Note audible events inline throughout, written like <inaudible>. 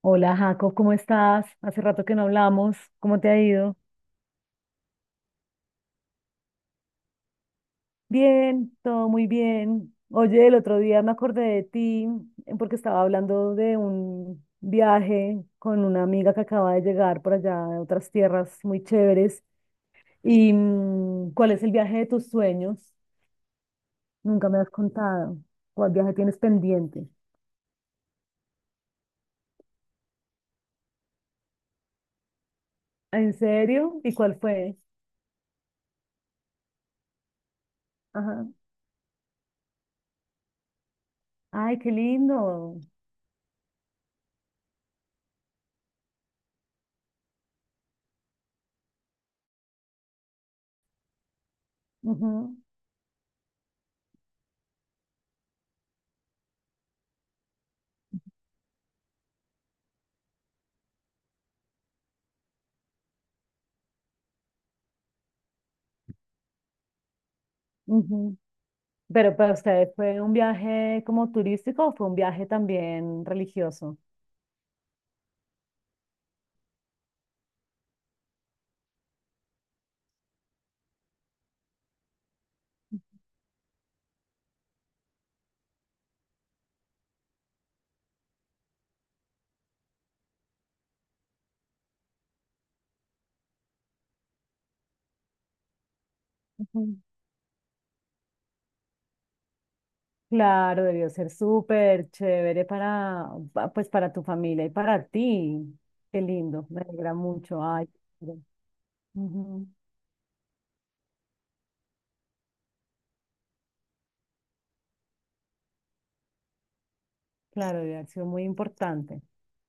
Hola Jaco, ¿cómo estás? Hace rato que no hablamos, ¿cómo te ha ido? Bien, todo muy bien. Oye, el otro día me acordé de ti porque estaba hablando de un viaje con una amiga que acaba de llegar por allá de otras tierras muy chéveres. ¿Y cuál es el viaje de tus sueños? Nunca me has contado. ¿Cuál viaje tienes pendiente? ¿En serio? ¿Y cuál fue? Ajá. Ay, qué lindo. Ujú, ujú. Pero para ustedes, ¿fue un viaje como turístico o fue un viaje también religioso? Ujú. Claro, debió ser súper chévere pues para tu familia y para ti. Qué lindo, me alegra mucho. Ay, bueno. Ujú. Claro, debe haber sido muy importante,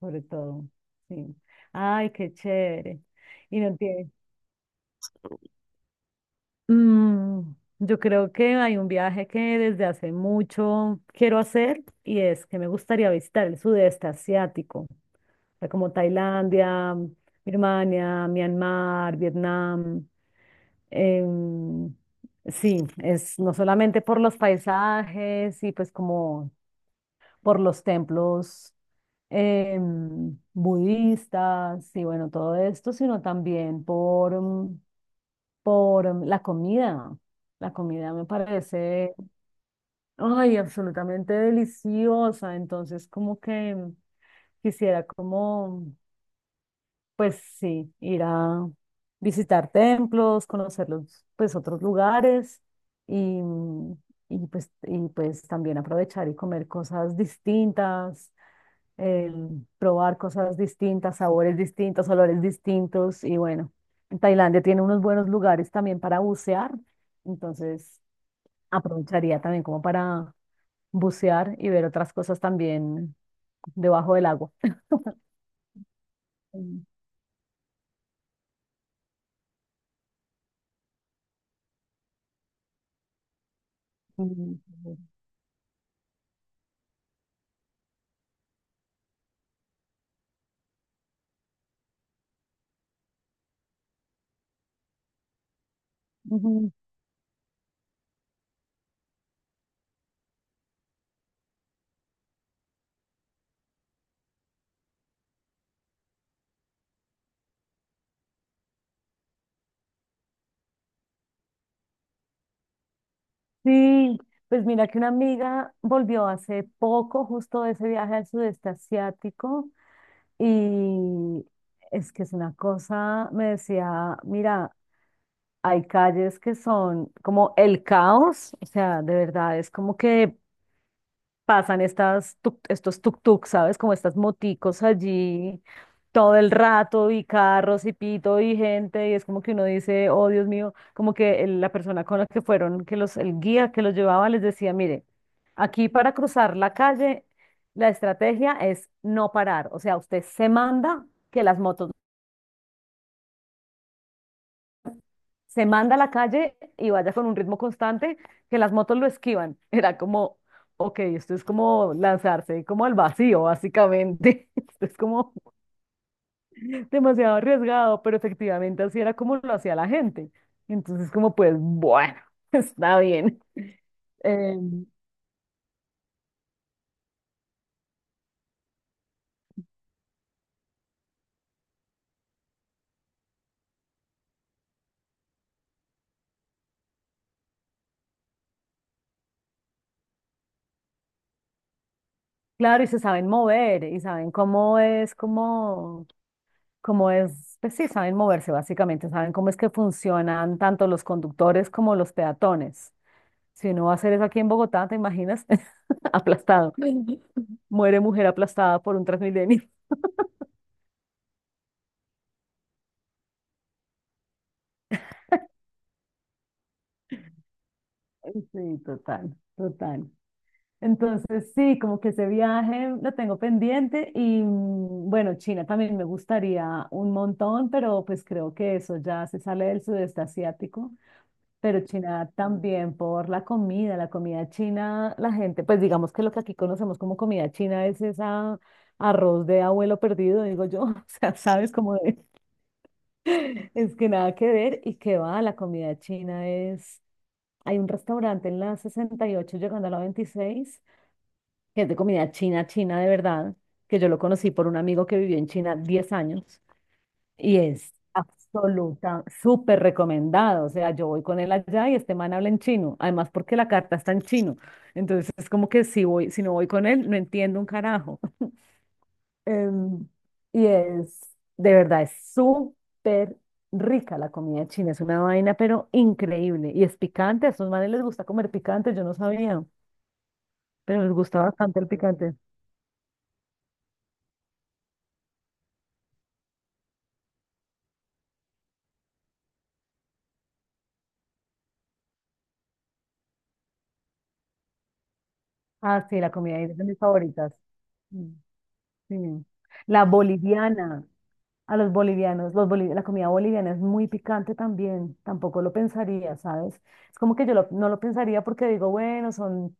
sobre todo. Sí. Ay, qué chévere. Y no tiene. Mm, yo creo que hay un viaje que desde hace mucho quiero hacer y es que me gustaría visitar el sudeste asiático. Sea, como Tailandia, Birmania, Myanmar, Vietnam. em, sí, es no solamente por los paisajes y pues como por los templos budistas y bueno, todo esto, sino también por la comida. La comida me parece, ay, absolutamente deliciosa. Entonces, como que quisiera como, pues sí, ir a visitar templos, conocer los, pues otros lugares y, mm, y pues también aprovechar y comer cosas distintas, eh, probar cosas distintas, sabores distintos, olores distintos y bueno, Tailandia tiene unos buenos lugares también para bucear, entonces aprovecharía también como para bucear y ver otras cosas también debajo del agua. Mm, mm, ujú. Sí, pues mira que una amiga volvió hace poco justo de ese viaje al sudeste asiático y es que es una cosa, me decía, mira, hay calles que son como el caos, o sea, de verdad es como que pasan estos tuk-tuk, ¿sabes? Como estas moticos allí todo el rato y carros y pito y gente y es como que uno dice, oh Dios mío, como que la persona con la que fueron, que el guía que los llevaba les decía, mire, aquí para cruzar la calle, la estrategia es no parar, o sea, usted se manda. Que las motos Se manda a la calle y vaya con un ritmo constante, que las motos lo esquivan. <laughs> Era como, ok, esto es como lanzarse como al vacío, básicamente. <laughs> Esto es como demasiado arriesgado, pero efectivamente así era como lo hacía la gente. Entonces, como pues, bueno, <laughs> está bien. Eh, claro, y se saben mover y saben cómo es, pues sí, saben moverse básicamente, saben cómo es que funcionan tanto los conductores como los peatones. Si no va a ser eso aquí en Bogotá, ¿te imaginas? <laughs> Aplastado. Muere mujer aplastada por un Transmilenio. <laughs> Sí, total, total. Entonces, sí, como que ese viaje lo tengo pendiente y bueno, China también me gustaría un montón, pero pues creo que eso ya se sale del sudeste asiático, pero China también por la comida china, la gente, pues digamos que lo que aquí conocemos como comida china es esa arroz de abuelo perdido, digo yo, <laughs> o sea, sabes, como de. Es que nada que ver y que va, la comida china es... Hay un restaurante en la 68 llegando a la 26 que es de comida china, china de verdad, que yo lo conocí por un amigo que vivió en China 10 años y es absoluta, súper recomendado. O sea, yo voy con él allá y este man habla en chino, además porque la carta está en chino. Entonces es como que si voy, si no voy con él, no entiendo un carajo. Em, y es, de verdad, es súper rica la comida china, es una vaina, pero increíble. Y es picante, a esos manes les gusta comer picante, yo no sabía, pero les gusta bastante el picante. Ah, sí, la comida ahí es de mis favoritas. Mm, sí. La boliviana, a los bolivianos, la comida boliviana es muy picante también, tampoco lo pensaría, ¿sabes? Es como que no lo pensaría porque digo, bueno, son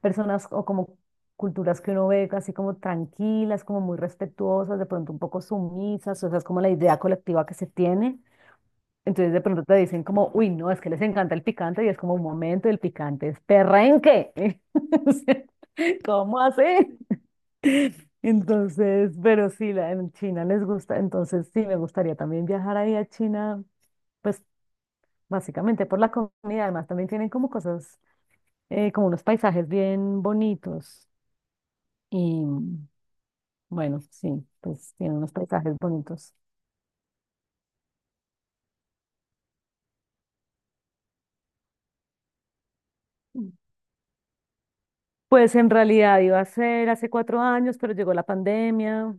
personas o como culturas que uno ve así como tranquilas, como muy respetuosas, de pronto un poco sumisas, o sea, es como la idea colectiva que se tiene. Entonces de pronto te dicen como, uy, no, es que les encanta el picante y es como un momento, el picante es perrenque. <laughs> O sea, ¿cómo así? Entonces, pero sí, en China les gusta, entonces sí, me gustaría también viajar ahí a China, pues básicamente por la comida, además también tienen como cosas, como unos paisajes bien bonitos. Y, bueno, sí, pues tiene unos paisajes bonitos. Mm. Pues en realidad iba a ser hace 4 años, pero llegó la pandemia.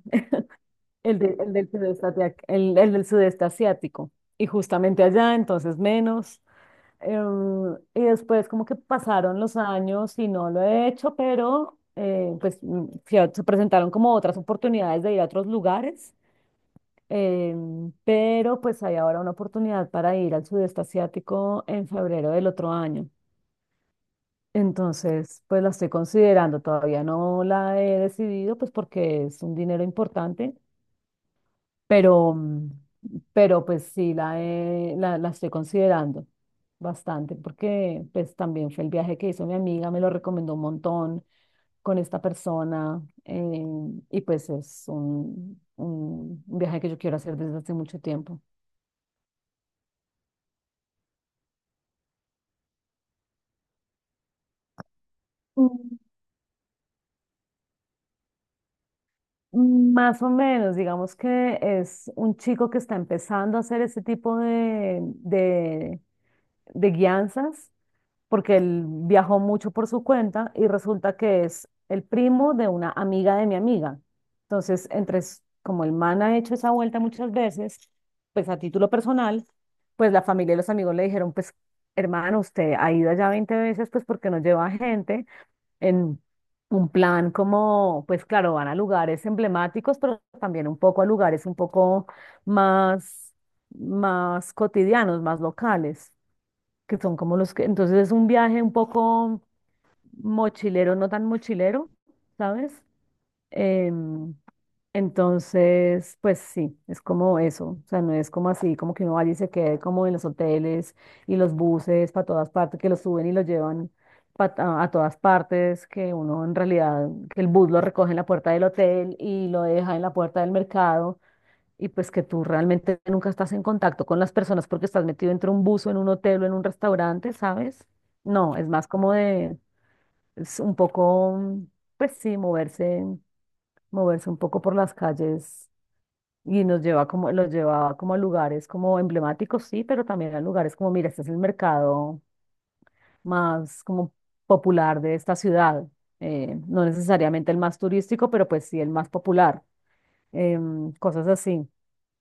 El del sudeste asiático. Y justamente allá, entonces menos. Y después como que pasaron los años y no lo he hecho, pero pues se presentaron como otras oportunidades de ir a otros lugares. Pero pues hay ahora una oportunidad para ir al sudeste asiático en febrero del otro año. Entonces, pues la estoy considerando, todavía no la he decidido, pues porque es un dinero importante, pero, mm, pero pues sí la estoy considerando bastante, porque pues también fue el viaje que hizo mi amiga, me lo recomendó un montón con esta persona, y pues es un viaje que yo quiero hacer desde hace mucho tiempo. Más o menos, digamos que es un chico que está empezando a hacer ese tipo de guianzas, porque él viajó mucho por su cuenta y resulta que es el primo de una amiga de mi amiga. Entonces, como el man ha hecho esa vuelta muchas veces, pues a título personal, pues la familia y los amigos le dijeron, pues hermano, usted ha ido allá 20 veces, ¿pues porque no lleva gente? En un plan como, pues claro, van a lugares emblemáticos, pero también un poco a lugares un poco más, más cotidianos, más locales, que son como los que, entonces es un viaje un poco mochilero, no tan mochilero, ¿sabes? Em, entonces, pues sí, es como eso, o sea, no es como así, como que uno vaya y se quede como en los hoteles y los buses para todas partes, que los suben y los llevan a todas partes, que uno en realidad, que el bus lo recoge en la puerta del hotel y lo deja en la puerta del mercado y pues que tú realmente nunca estás en contacto con las personas porque estás metido entre un bus o en un hotel o en un restaurante, ¿sabes? No, es más como de, es un poco, pues sí, moverse un poco por las calles y los llevaba como a lugares como emblemáticos, sí, pero también a lugares como, mira, este es el mercado más como popular de esta ciudad, no necesariamente el más turístico, pero pues sí el más popular, cosas así.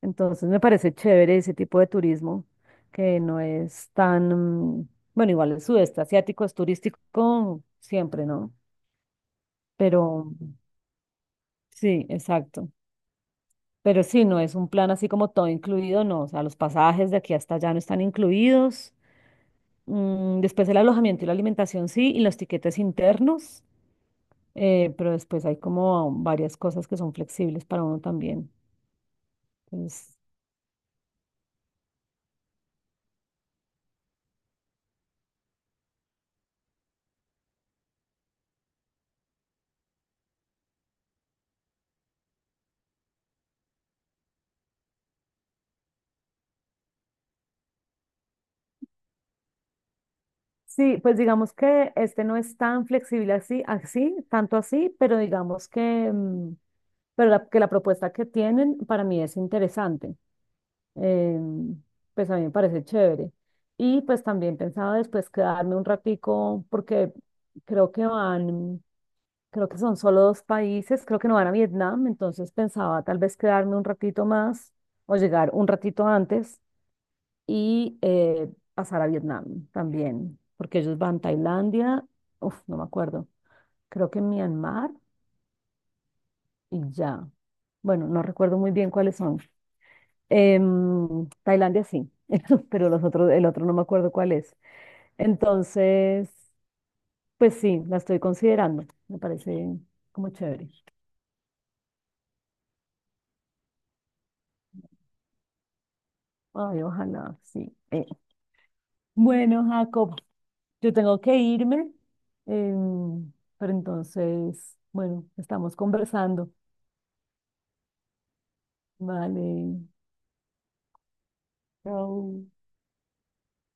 Entonces me parece chévere ese tipo de turismo que no es tan, mm, bueno, igual el sudeste asiático es turístico siempre, ¿no? Pero sí, exacto. Pero sí, no es un plan así como todo incluido, no. O sea, los pasajes de aquí hasta allá no están incluidos. Después el alojamiento y la alimentación sí, y los tiquetes internos. Pero después hay como varias cosas que son flexibles para uno también. Entonces, sí, pues digamos que este no es tan flexible así, así, tanto así, pero digamos que, pero que la propuesta que tienen para mí es interesante. em, pues a mí me parece chévere. Y pues también pensaba después quedarme un ratico porque creo que van, creo que son solo dos países, creo que no van a Vietnam, entonces pensaba tal vez quedarme un ratito más o llegar un ratito antes y pasar a Vietnam también, porque ellos van a Tailandia, uf, no me acuerdo, creo que Myanmar y ya. Bueno, no recuerdo muy bien cuáles son. Tailandia sí, <laughs> pero los otros, el otro no me acuerdo cuál es. Entonces, pues sí, la estoy considerando. Me parece como chévere. Ay, ojalá, sí. Bueno, Jacob, yo tengo que irme, em, pero entonces, bueno, estamos conversando. Vale, chao.